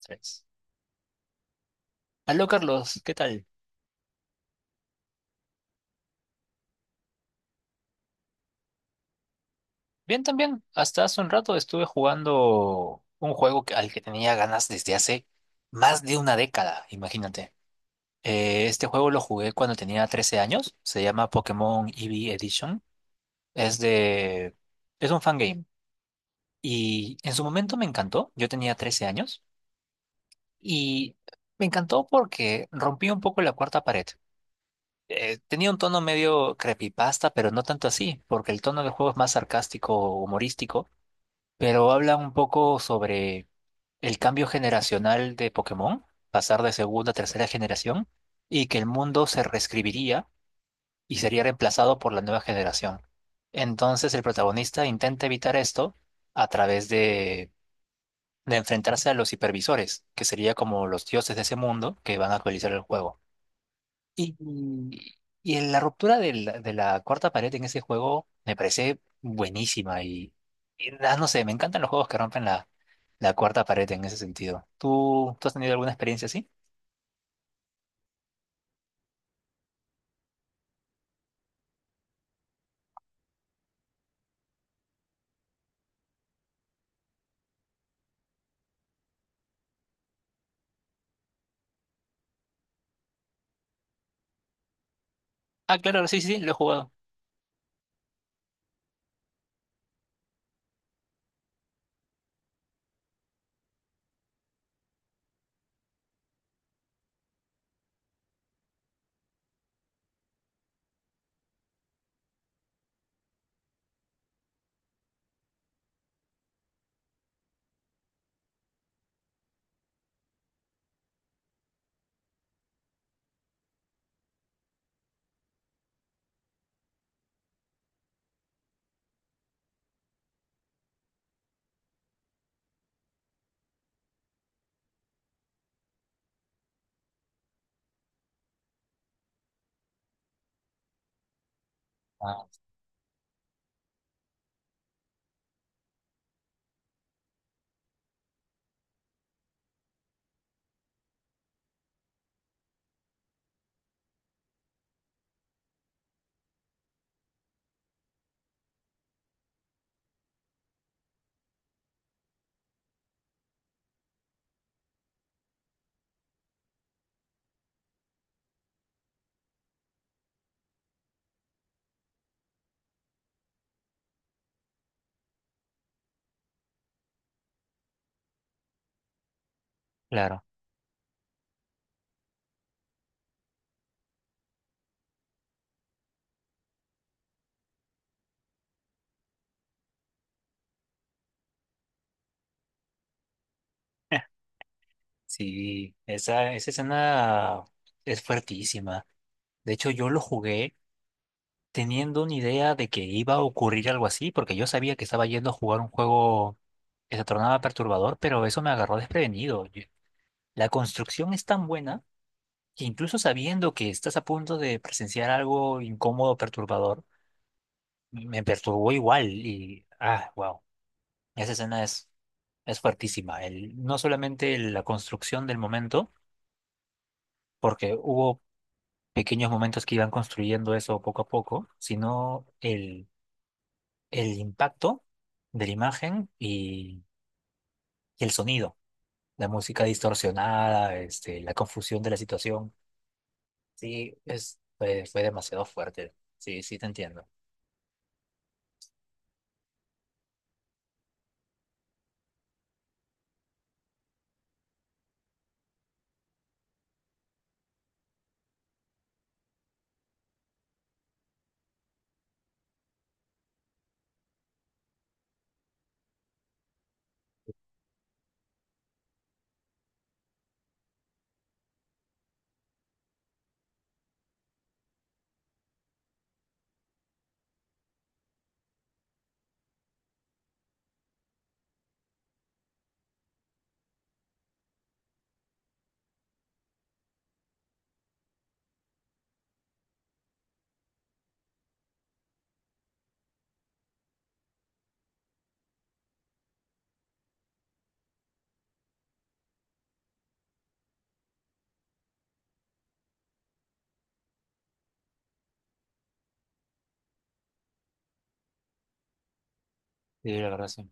Tres. Aló, Carlos, ¿qué tal? Bien también. Hasta hace un rato estuve jugando un juego al que tenía ganas desde hace más de una década, imagínate. Este juego lo jugué cuando tenía 13 años. Se llama Pokémon EV Edition. Es de... Es un fangame. Y en su momento me encantó. Yo tenía 13 años. Y me encantó porque rompí un poco la cuarta pared. Tenía un tono medio creepypasta, pero no tanto así, porque el tono del juego es más sarcástico, humorístico. Pero habla un poco sobre el cambio generacional de Pokémon, pasar de segunda a tercera generación, y que el mundo se reescribiría y sería reemplazado por la nueva generación. Entonces el protagonista intenta evitar esto a través de enfrentarse a los hipervisores, que sería como los dioses de ese mundo que van a actualizar el juego. Y, y en la ruptura de la cuarta pared en ese juego me parece buenísima y no sé, me encantan los juegos que rompen la cuarta pared en ese sentido. ¿Tú has tenido alguna experiencia así? Ah, claro, sí, sí, sí, lo he jugado. Ah, claro. Sí, esa escena es fuertísima. De hecho, yo lo jugué teniendo una idea de que iba a ocurrir algo así, porque yo sabía que estaba yendo a jugar un juego que se tornaba perturbador, pero eso me agarró desprevenido. La construcción es tan buena que incluso sabiendo que estás a punto de presenciar algo incómodo, perturbador, me perturbó igual y, wow, esa escena es fuertísima. No solamente la construcción del momento, porque hubo pequeños momentos que iban construyendo eso poco a poco, sino el impacto de la imagen y el sonido, la música distorsionada, este, la confusión de la situación. Sí, fue demasiado fuerte. Sí, sí te entiendo. Sí, la verdad sí.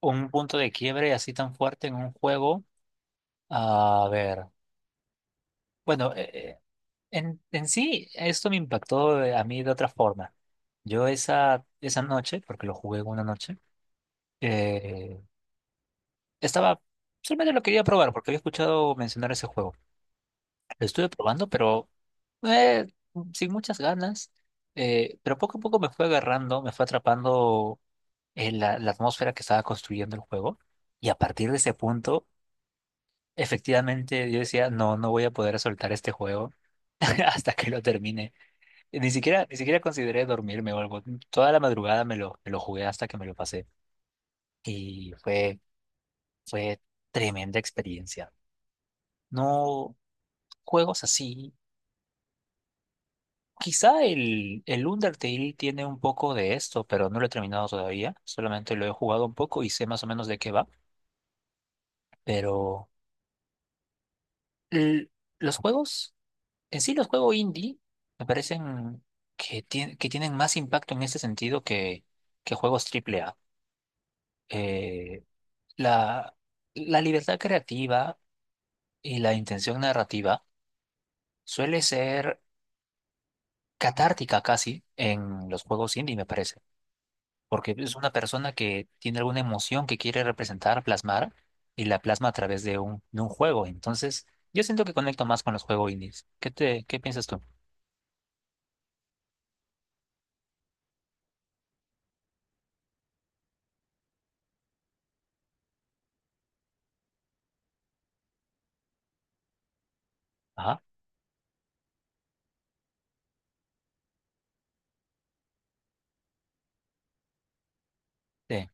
Un punto de quiebre así tan fuerte en un juego. A ver. Bueno, en sí esto me impactó a mí de otra forma. Yo esa noche, porque lo jugué en una noche, eh, estaba, solamente lo quería probar porque había escuchado mencionar ese juego. Lo estuve probando, pero eh, sin muchas ganas. Pero poco a poco me fue agarrando, me fue atrapando la atmósfera que estaba construyendo el juego. Y a partir de ese punto, efectivamente, yo decía, no, no voy a poder soltar este juego hasta que lo termine. Ni siquiera consideré dormirme o algo. Toda la madrugada me lo jugué hasta que me lo pasé. Y fue tremenda experiencia. No juegos así. Quizá el Undertale tiene un poco de esto, pero no lo he terminado todavía. Solamente lo he jugado un poco y sé más o menos de qué va. Pero l- los juegos en sí, los juegos indie me parecen que tienen más impacto en ese sentido que juegos triple A. Eh, la, la libertad creativa y la intención narrativa suele ser catártica casi en los juegos indie, me parece, porque es una persona que tiene alguna emoción que quiere representar, plasmar, y la plasma a través de un juego. Entonces, yo siento que conecto más con los juegos indies. ¿Qué piensas tú? Ajá, sí,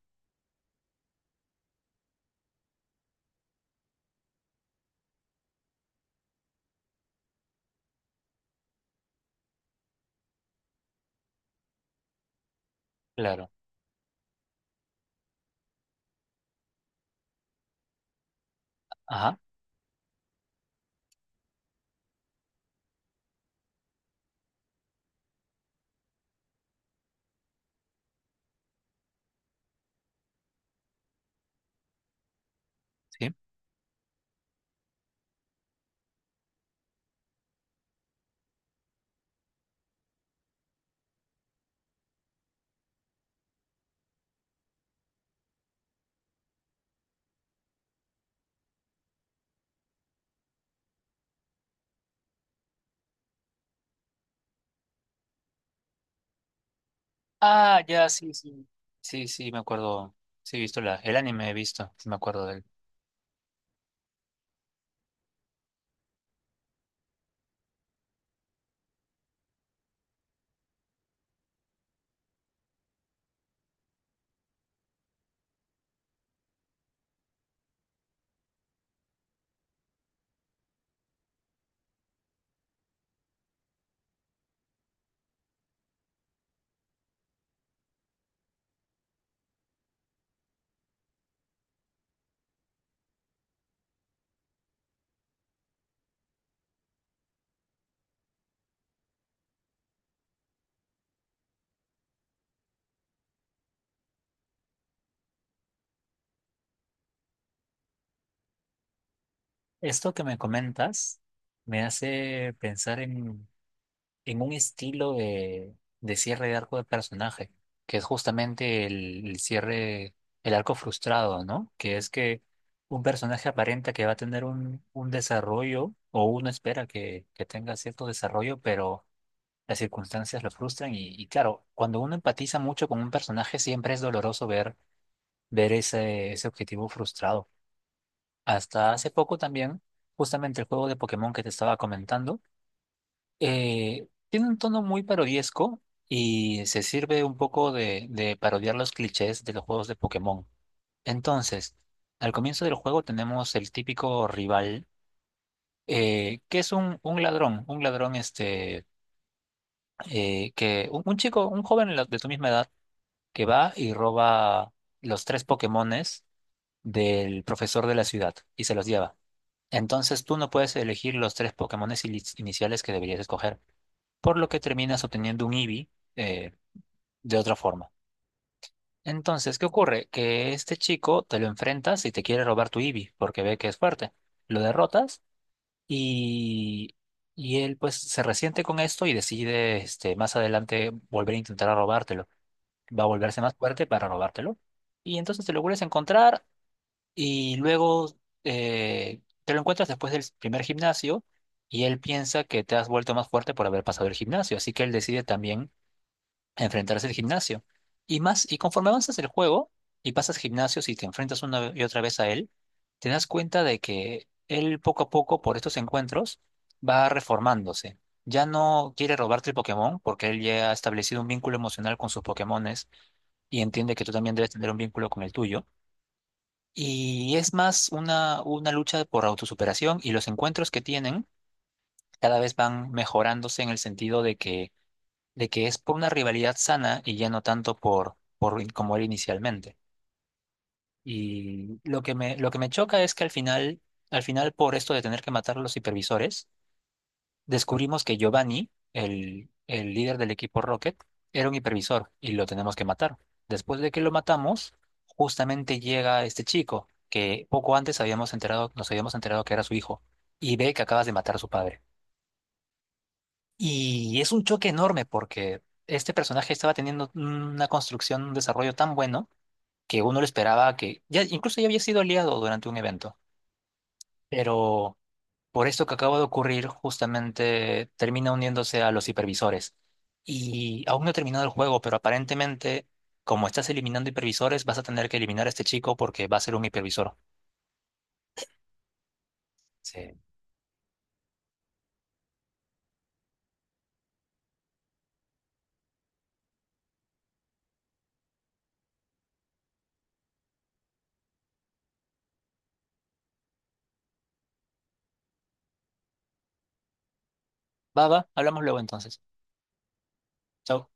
claro. Ajá. Sí. Ah, ya, sí, sí. Sí, sí, me acuerdo. Sí, he visto el anime, sí me acuerdo de él. Esto que me comentas me hace pensar en un estilo de cierre de arco de personaje, que es justamente el cierre, el arco frustrado, ¿no? Que es que un personaje aparenta que va a tener un desarrollo, o uno espera que tenga cierto desarrollo, pero las circunstancias lo frustran y claro, cuando uno empatiza mucho con un personaje siempre es doloroso ver ese objetivo frustrado. Hasta hace poco también, justamente el juego de Pokémon que te estaba comentando, tiene un tono muy parodiesco y se sirve un poco de parodiar los clichés de los juegos de Pokémon. Entonces, al comienzo del juego tenemos el típico rival, que es un ladrón este, que, un chico, un joven de tu misma edad, que va y roba los tres Pokémones del profesor de la ciudad y se los lleva. Entonces tú no puedes elegir los tres Pokémones iniciales que deberías escoger, por lo que terminas obteniendo un Eevee eh, de otra forma. Entonces, ¿qué ocurre? Que este chico te lo enfrentas y te quiere robar tu Eevee porque ve que es fuerte. Lo derrotas y, y él pues se resiente con esto y decide este, más adelante volver a intentar a robártelo. Va a volverse más fuerte para robártelo. Y entonces te lo vuelves a encontrar y luego te lo encuentras después del primer gimnasio y él piensa que te has vuelto más fuerte por haber pasado el gimnasio, así que él decide también enfrentarse al gimnasio. Y conforme avanzas el juego y pasas gimnasios y te enfrentas una y otra vez a él, te das cuenta de que él poco a poco por estos encuentros va reformándose. Ya no quiere robarte el Pokémon porque él ya ha establecido un vínculo emocional con sus Pokémones y entiende que tú también debes tener un vínculo con el tuyo y es más una lucha por autosuperación y los encuentros que tienen cada vez van mejorándose en el sentido de que es por una rivalidad sana y ya no tanto por como era inicialmente. Y lo que me choca es que al final por esto de tener que matar a los supervisores, descubrimos que Giovanni, el líder del equipo Rocket, era un hipervisor y lo tenemos que matar. Después de que lo matamos, justamente llega este chico que poco antes nos habíamos enterado que era su hijo y ve que acabas de matar a su padre. Y es un choque enorme porque este personaje estaba teniendo una construcción, un desarrollo tan bueno que uno lo esperaba que incluso ya había sido aliado durante un evento, pero por esto que acaba de ocurrir, justamente termina uniéndose a los hipervisores. Y aún no he terminado el juego, pero aparentemente, como estás eliminando hipervisores, vas a tener que eliminar a este chico porque va a ser un hipervisor. Sí. Va, va, hablamos luego entonces. Chao.